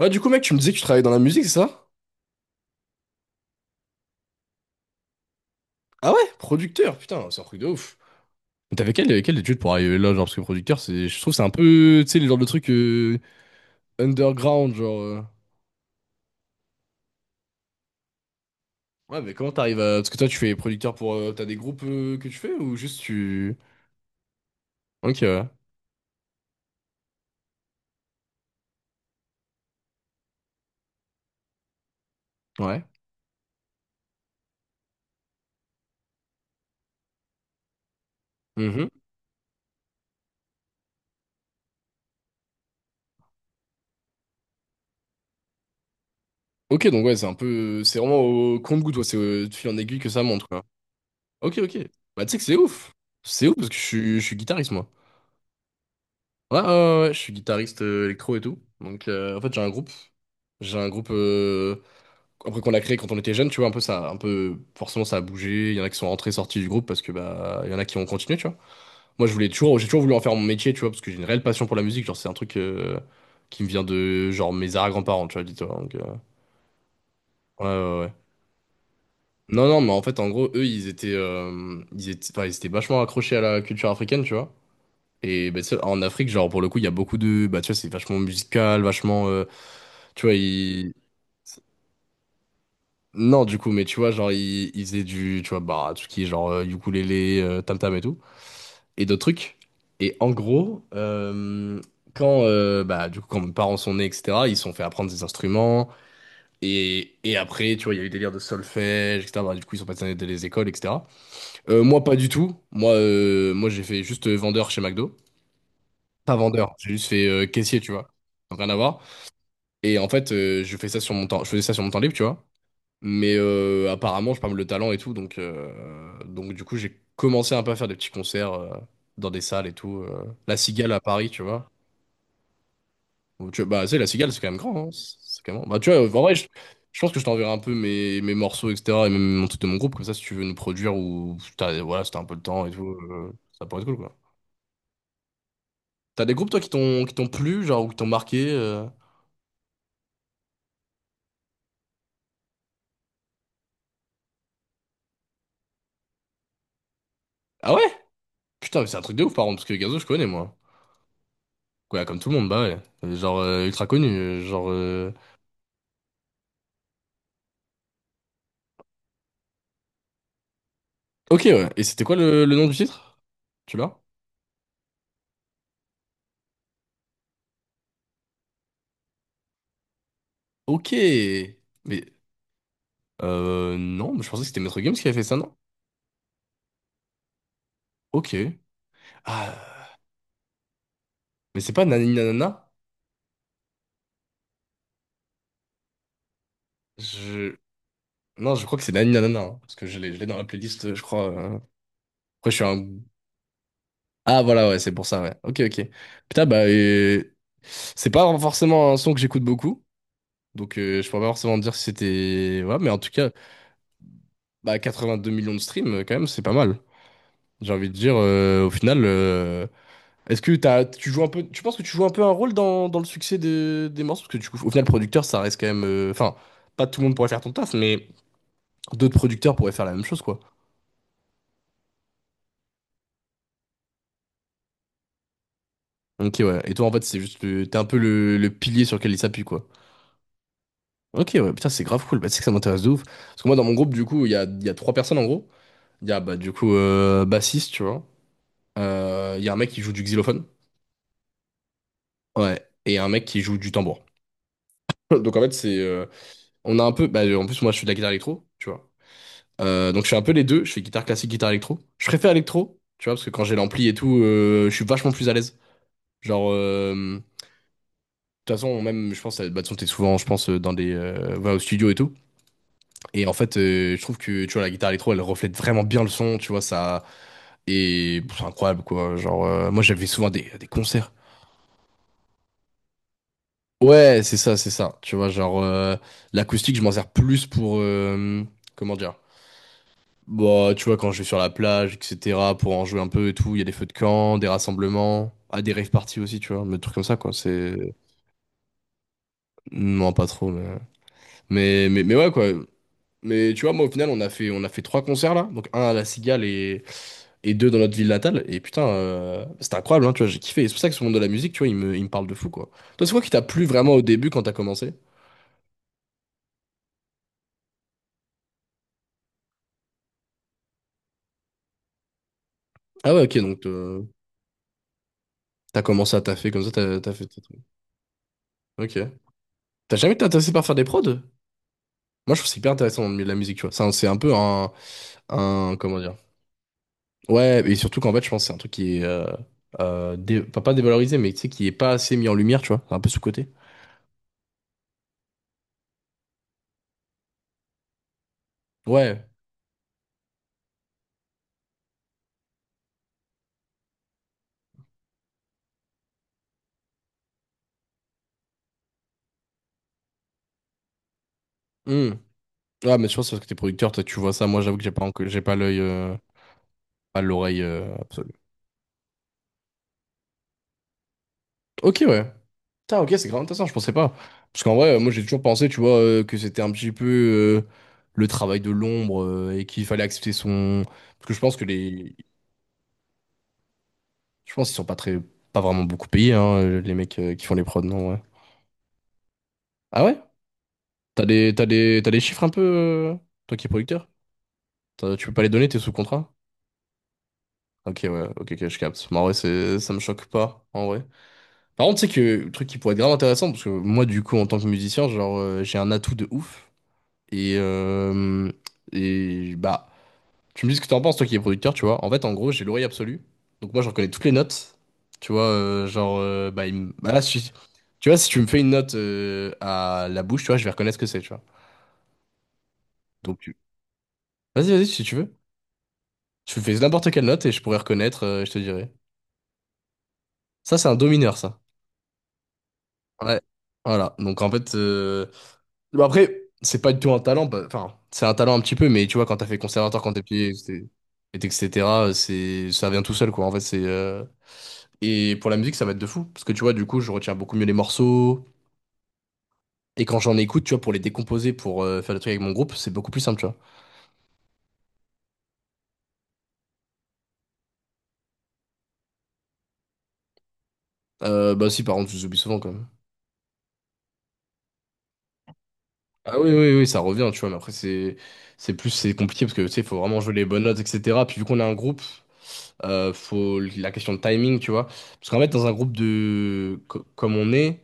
Ouais, du coup, mec, tu me disais que tu travaillais dans la musique, c'est ça? Ah ouais, producteur, putain, c'est un truc de ouf. Mais t'avais quelle étude pour arriver là, genre, parce que producteur, c'est, je trouve que c'est un peu, tu sais, le genre de truc underground, genre. Ouais, mais comment t'arrives à. Parce que toi, tu fais producteur pour. T'as des groupes que tu fais ou juste tu. Ok, ouais. Ouais. Mhm. Ok, donc ouais, c'est un peu. C'est vraiment au compte-goutte, ouais, c'est de fil en aiguille que ça monte, quoi. Ok, ok. Bah, tu sais que c'est ouf. C'est ouf parce que je suis guitariste, moi. Ouais, ouais, ouais, ouais, je suis guitariste électro et tout. Donc, en fait, j'ai un groupe. J'ai un groupe euh, après qu'on a créé quand on était jeune, tu vois, un peu ça, un peu forcément ça a bougé. Il y en a qui sont rentrés, sortis du groupe parce que bah il y en a qui ont continué, tu vois. Moi, j'ai toujours voulu en faire mon métier, tu vois, parce que j'ai une réelle passion pour la musique. Genre, c'est un truc qui me vient de genre mes arrière-grands-parents, tu vois, dis-toi. Donc, ouais, ouais, ouais. Non, non, mais en fait, en gros, eux, ils étaient vachement accrochés à la culture africaine, tu vois. Et bah, tu sais, en Afrique, genre pour le coup, il y a beaucoup de, bah tu vois, c'est vachement musical, vachement, tu vois, ils. Non, du coup, mais tu vois, genre, ils faisaient du, tu vois, bah, tout ce qui est genre ukulélé, tam-tam et tout, et d'autres trucs. Et en gros, quand, bah, du coup, quand mes parents sont nés, etc., ils se sont fait apprendre des instruments, et, après, tu vois, il y a eu des délires de solfège, etc., bah, du coup, ils sont passés dans les écoles, etc. Moi, pas du tout. Moi, j'ai fait juste vendeur chez McDo. Pas vendeur, j'ai juste fait caissier, tu vois. Donc, rien à voir. Et en fait, je faisais ça sur mon temps libre, tu vois. Mais apparemment, j'ai pas mal de talent et tout, donc, j'ai commencé un peu à faire des petits concerts dans des salles et tout. La Cigale à Paris, tu vois. Bah, tu sais, la Cigale, c'est quand même grand, hein. C'est quand même... Bah, tu vois, en vrai, je pense que je t'enverrai un peu mes morceaux, etc., et même mon truc de mon groupe, comme ça, si tu veux nous produire ou... Voilà, si t'as un peu le temps et tout, ça pourrait être cool, quoi. T'as des groupes, toi, qui t'ont plu, genre, ou qui t'ont marqué euh. Ah ouais? Putain, mais c'est un truc de ouf, par contre, parce que Gazo, je connais, moi. Ouais, comme tout le monde, bah ouais. Genre, ultra connu, euh, genre. Ok, ouais. Et c'était quoi le nom du titre? Tu l'as? Ok. Mais non, mais je pensais que c'était Maître Games qui avait fait ça, non? Ok. Ah, mais c'est pas Nani Nanana? Je... Non, je crois que c'est Nani Nanana, hein, parce que je l'ai dans la playlist, je crois. Après, je suis un... Ah, voilà, ouais, c'est pour ça, ouais. Ok, ok. Putain, bah, c'est pas forcément un son que j'écoute beaucoup, donc je pourrais pas forcément dire si c'était... Ouais, mais en tout cas, bah, 82 millions de streams, quand même, c'est pas mal. J'ai envie de dire, au final. Est-ce que tu joues un peu, tu penses que tu joues un peu un rôle dans le succès des morceaux? Parce que du coup, au final, producteur, ça reste quand même. Enfin, pas tout le monde pourrait faire ton taf, mais d'autres producteurs pourraient faire la même chose, quoi. Ok, ouais. Et toi, en fait, c'est juste t'es un peu le pilier sur lequel ils s'appuient, quoi. Ok, ouais, putain, c'est grave cool. Bah, tu sais que ça m'intéresse de ouf. Parce que moi, dans mon groupe, du coup, il y a 3 personnes, en gros. Il y a, bah, du coup, bassiste, tu vois. Il y a un mec qui joue du xylophone. Ouais. Et un mec qui joue du tambour. Donc, en fait, c'est. On a un peu. Bah, en plus, moi, je suis de la guitare électro, tu vois. Donc je fais un peu les deux, je fais guitare classique, guitare électro. Je préfère électro, tu vois, parce que quand j'ai l'ampli et tout, je suis vachement plus à l'aise. De toute façon, même, je pense, bah, de toute façon, t'es souvent, je pense, va au studio et tout. Et en fait, je trouve que, tu vois, la guitare électro, elle reflète vraiment bien le son, tu vois, ça... Et pff, c'est incroyable, quoi. Genre, moi, j'avais souvent des concerts. Ouais, c'est ça. Tu vois, genre, l'acoustique, je m'en sers plus pour... comment dire? Bah, tu vois, quand je vais sur la plage, etc., pour en jouer un peu et tout, il y a des feux de camp, des rassemblements, ah, des rave parties aussi, tu vois, mais des trucs comme ça, quoi. C'est. Non, pas trop, mais... ouais, quoi. Mais tu vois, moi, au final, on a fait 3 concerts, là. Donc, un à La Cigale et, deux dans notre ville natale. Et putain, c'était incroyable, hein, tu vois, j'ai kiffé. Et c'est pour ça que ce monde de la musique, tu vois, il me parle de fou, quoi. Toi, c'est quoi qui t'a plu vraiment au début quand t'as commencé? Ah ouais, ok, donc t'as commencé à taffer comme ça, t'as fait tes trucs. Ok. T'as jamais été intéressé par faire des prods? Moi, je trouve que c'est hyper intéressant dans le milieu de la musique, tu vois. C'est un peu un, Comment dire? Ouais, et surtout qu'en fait, je pense que c'est un truc qui est. Pas dévalorisé, mais tu sais, qui est pas assez mis en lumière, tu vois. C'est un peu sous côté. Ouais. Hmm. Ouais, mais je pense que c'est parce que t'es producteur, toi, tu vois ça. Moi, j'avoue que j'ai pas, j'ai pas l'œil. Pas l'oreille absolue. Ok, ouais. Putain, ok, c'est grave intéressant, je pensais pas. Parce qu'en vrai, moi, j'ai toujours pensé, tu vois, que c'était un petit peu. euh, le travail de l'ombre et qu'il fallait accepter son. Parce que je pense que les, Je pense qu'ils sont pas très, pas vraiment beaucoup payés, hein, les mecs qui font les prods, non, ouais. Ah ouais? T'as des chiffres un peu, toi qui es producteur? Tu peux pas les donner, t'es sous contrat? Ok, ouais, ok, ok, je capte. Mais en vrai, ça me choque pas, en vrai. Par contre, tu sais que le truc qui pourrait être grave intéressant, parce que moi, du coup, en tant que musicien, genre, j'ai un atout de ouf. Et, bah, tu me dis ce que t'en penses, toi qui es producteur, tu vois. En fait, en gros, j'ai l'oreille absolue. Donc moi, je reconnais toutes les notes. Tu vois, bah, bah, là, si- tu vois, si tu me fais une note à la bouche, tu vois, je vais reconnaître ce que c'est, tu vois. Donc, vas-y, vas-y, si tu veux. Tu fais n'importe quelle note et je pourrais reconnaître, je te dirai. Ça, c'est un do mineur, ça. Ouais. Voilà. Donc, en fait, bah, après, c'est pas du tout un talent. Bah, Enfin, c'est un talent un petit peu, mais tu vois, quand t'as fait conservatoire quand t'es petit, etc., c'est... ça vient tout seul, quoi. En fait, et pour la musique, ça va être de fou. Parce que tu vois, du coup, je retiens beaucoup mieux les morceaux. Et quand j'en écoute, tu vois, pour les décomposer, pour faire des trucs avec mon groupe, c'est beaucoup plus simple, tu vois. Bah si, par contre, je les oublie souvent quand même. Ah oui, oui, oui, ça revient, tu vois. Mais après, c'est compliqué parce que, tu sais, il faut vraiment jouer les bonnes notes, etc. Puis vu qu'on a un groupe, faut la question de timing, tu vois. Parce qu'en fait, dans un groupe de... comme on est,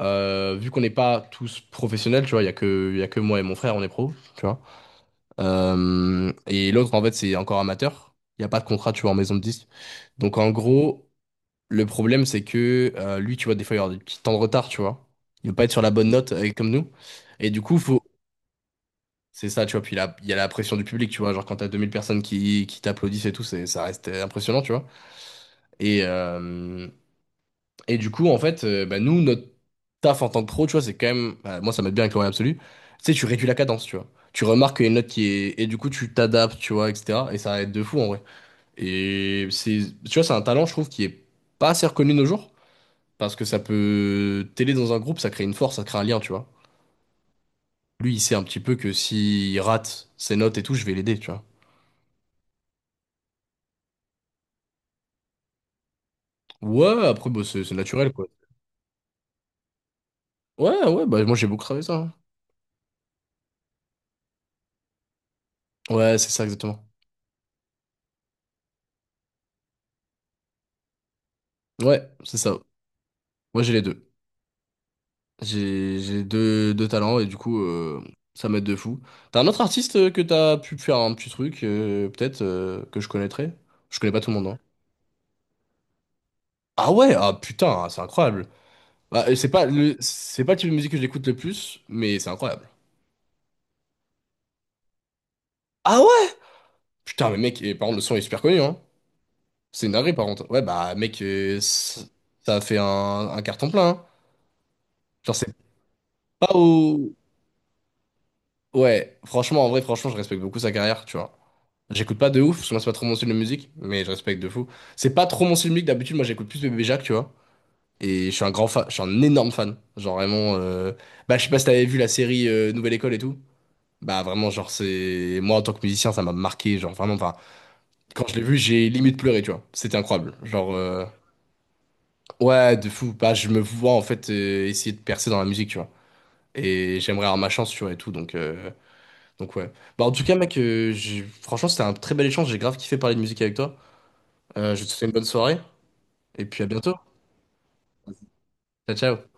vu qu'on n'est pas tous professionnels, tu vois, il y a que... il y a que moi et mon frère, on est pro, tu vois. Et l'autre, en fait, c'est encore amateur. Il n'y a pas de contrat, tu vois, en maison de disque. Donc, en gros, le problème, c'est que lui, tu vois, des fois, il va avoir des petits temps de retard, tu vois. Il ne veut pas être sur la bonne note comme nous. Et du coup, faut... c'est ça, tu vois. Puis, là, il y a la pression du public, tu vois. Genre, quand t'as as 2000 personnes qui t'applaudissent et tout, c'est, ça reste impressionnant, tu vois. Et, euh, et du coup, en fait, bah, nous, notre taf en tant que pro, tu vois, c'est quand même. Bah, moi, ça m'aide bien avec l'oreille absolue. Tu sais, tu réduis la cadence, tu vois. Tu remarques qu'il y a une note qui est. Et du coup, tu t'adaptes, tu vois, etc. Et ça va être de fou, en vrai. Et c'est. Tu vois, c'est un talent, je trouve, qui est pas assez reconnu de nos jours. Parce que ça peut t'aider dans un groupe, ça crée une force, ça crée un lien, tu vois. Lui, il sait un petit peu que s'il rate ses notes et tout, je vais l'aider, tu vois. Ouais, après, bah, c'est naturel, quoi. Ouais, ouais, bah, moi, j'ai beaucoup travaillé ça, hein. Ouais, c'est ça, exactement. Ouais, c'est ça. Moi, j'ai les deux. J'ai deux talents et du coup, ça m'aide de fou. T'as un autre artiste que t'as pu faire un petit truc, peut-être, que je connaîtrais? Je connais pas tout le monde, hein. Ah ouais, ah putain, c'est incroyable. Bah, c'est pas le type de musique que j'écoute le plus, mais c'est incroyable. Ah ouais? Putain, mais mec, et, par contre, le son est super connu, hein. C'est une dinguerie, par contre. Ouais, bah, mec, ça a fait un carton plein, hein. Genre, c'est pas au... Ouais, franchement, en vrai, franchement, je respecte beaucoup sa carrière, tu vois. J'écoute pas de ouf, parce que moi c'est pas trop mon style de musique, mais je respecte de fou. C'est pas trop mon style de musique, d'habitude moi j'écoute plus Bébé Jacques, tu vois. Et je suis un grand fan, je suis un énorme fan. Genre vraiment, bah je sais pas si t'avais vu la série Nouvelle École et tout. Bah vraiment genre c'est, moi en tant que musicien ça m'a marqué, genre vraiment, enfin quand je l'ai vu j'ai limite pleuré, tu vois. C'était incroyable, genre ouais de fou. Bah je me vois en fait essayer de percer dans la musique, tu vois. Et j'aimerais avoir ma chance, tu vois et tout, donc ouais. Bah en tout cas mec, franchement c'était un très bel échange, j'ai grave kiffé parler de musique avec toi. Je te souhaite une bonne soirée et puis à bientôt. Ciao, ciao.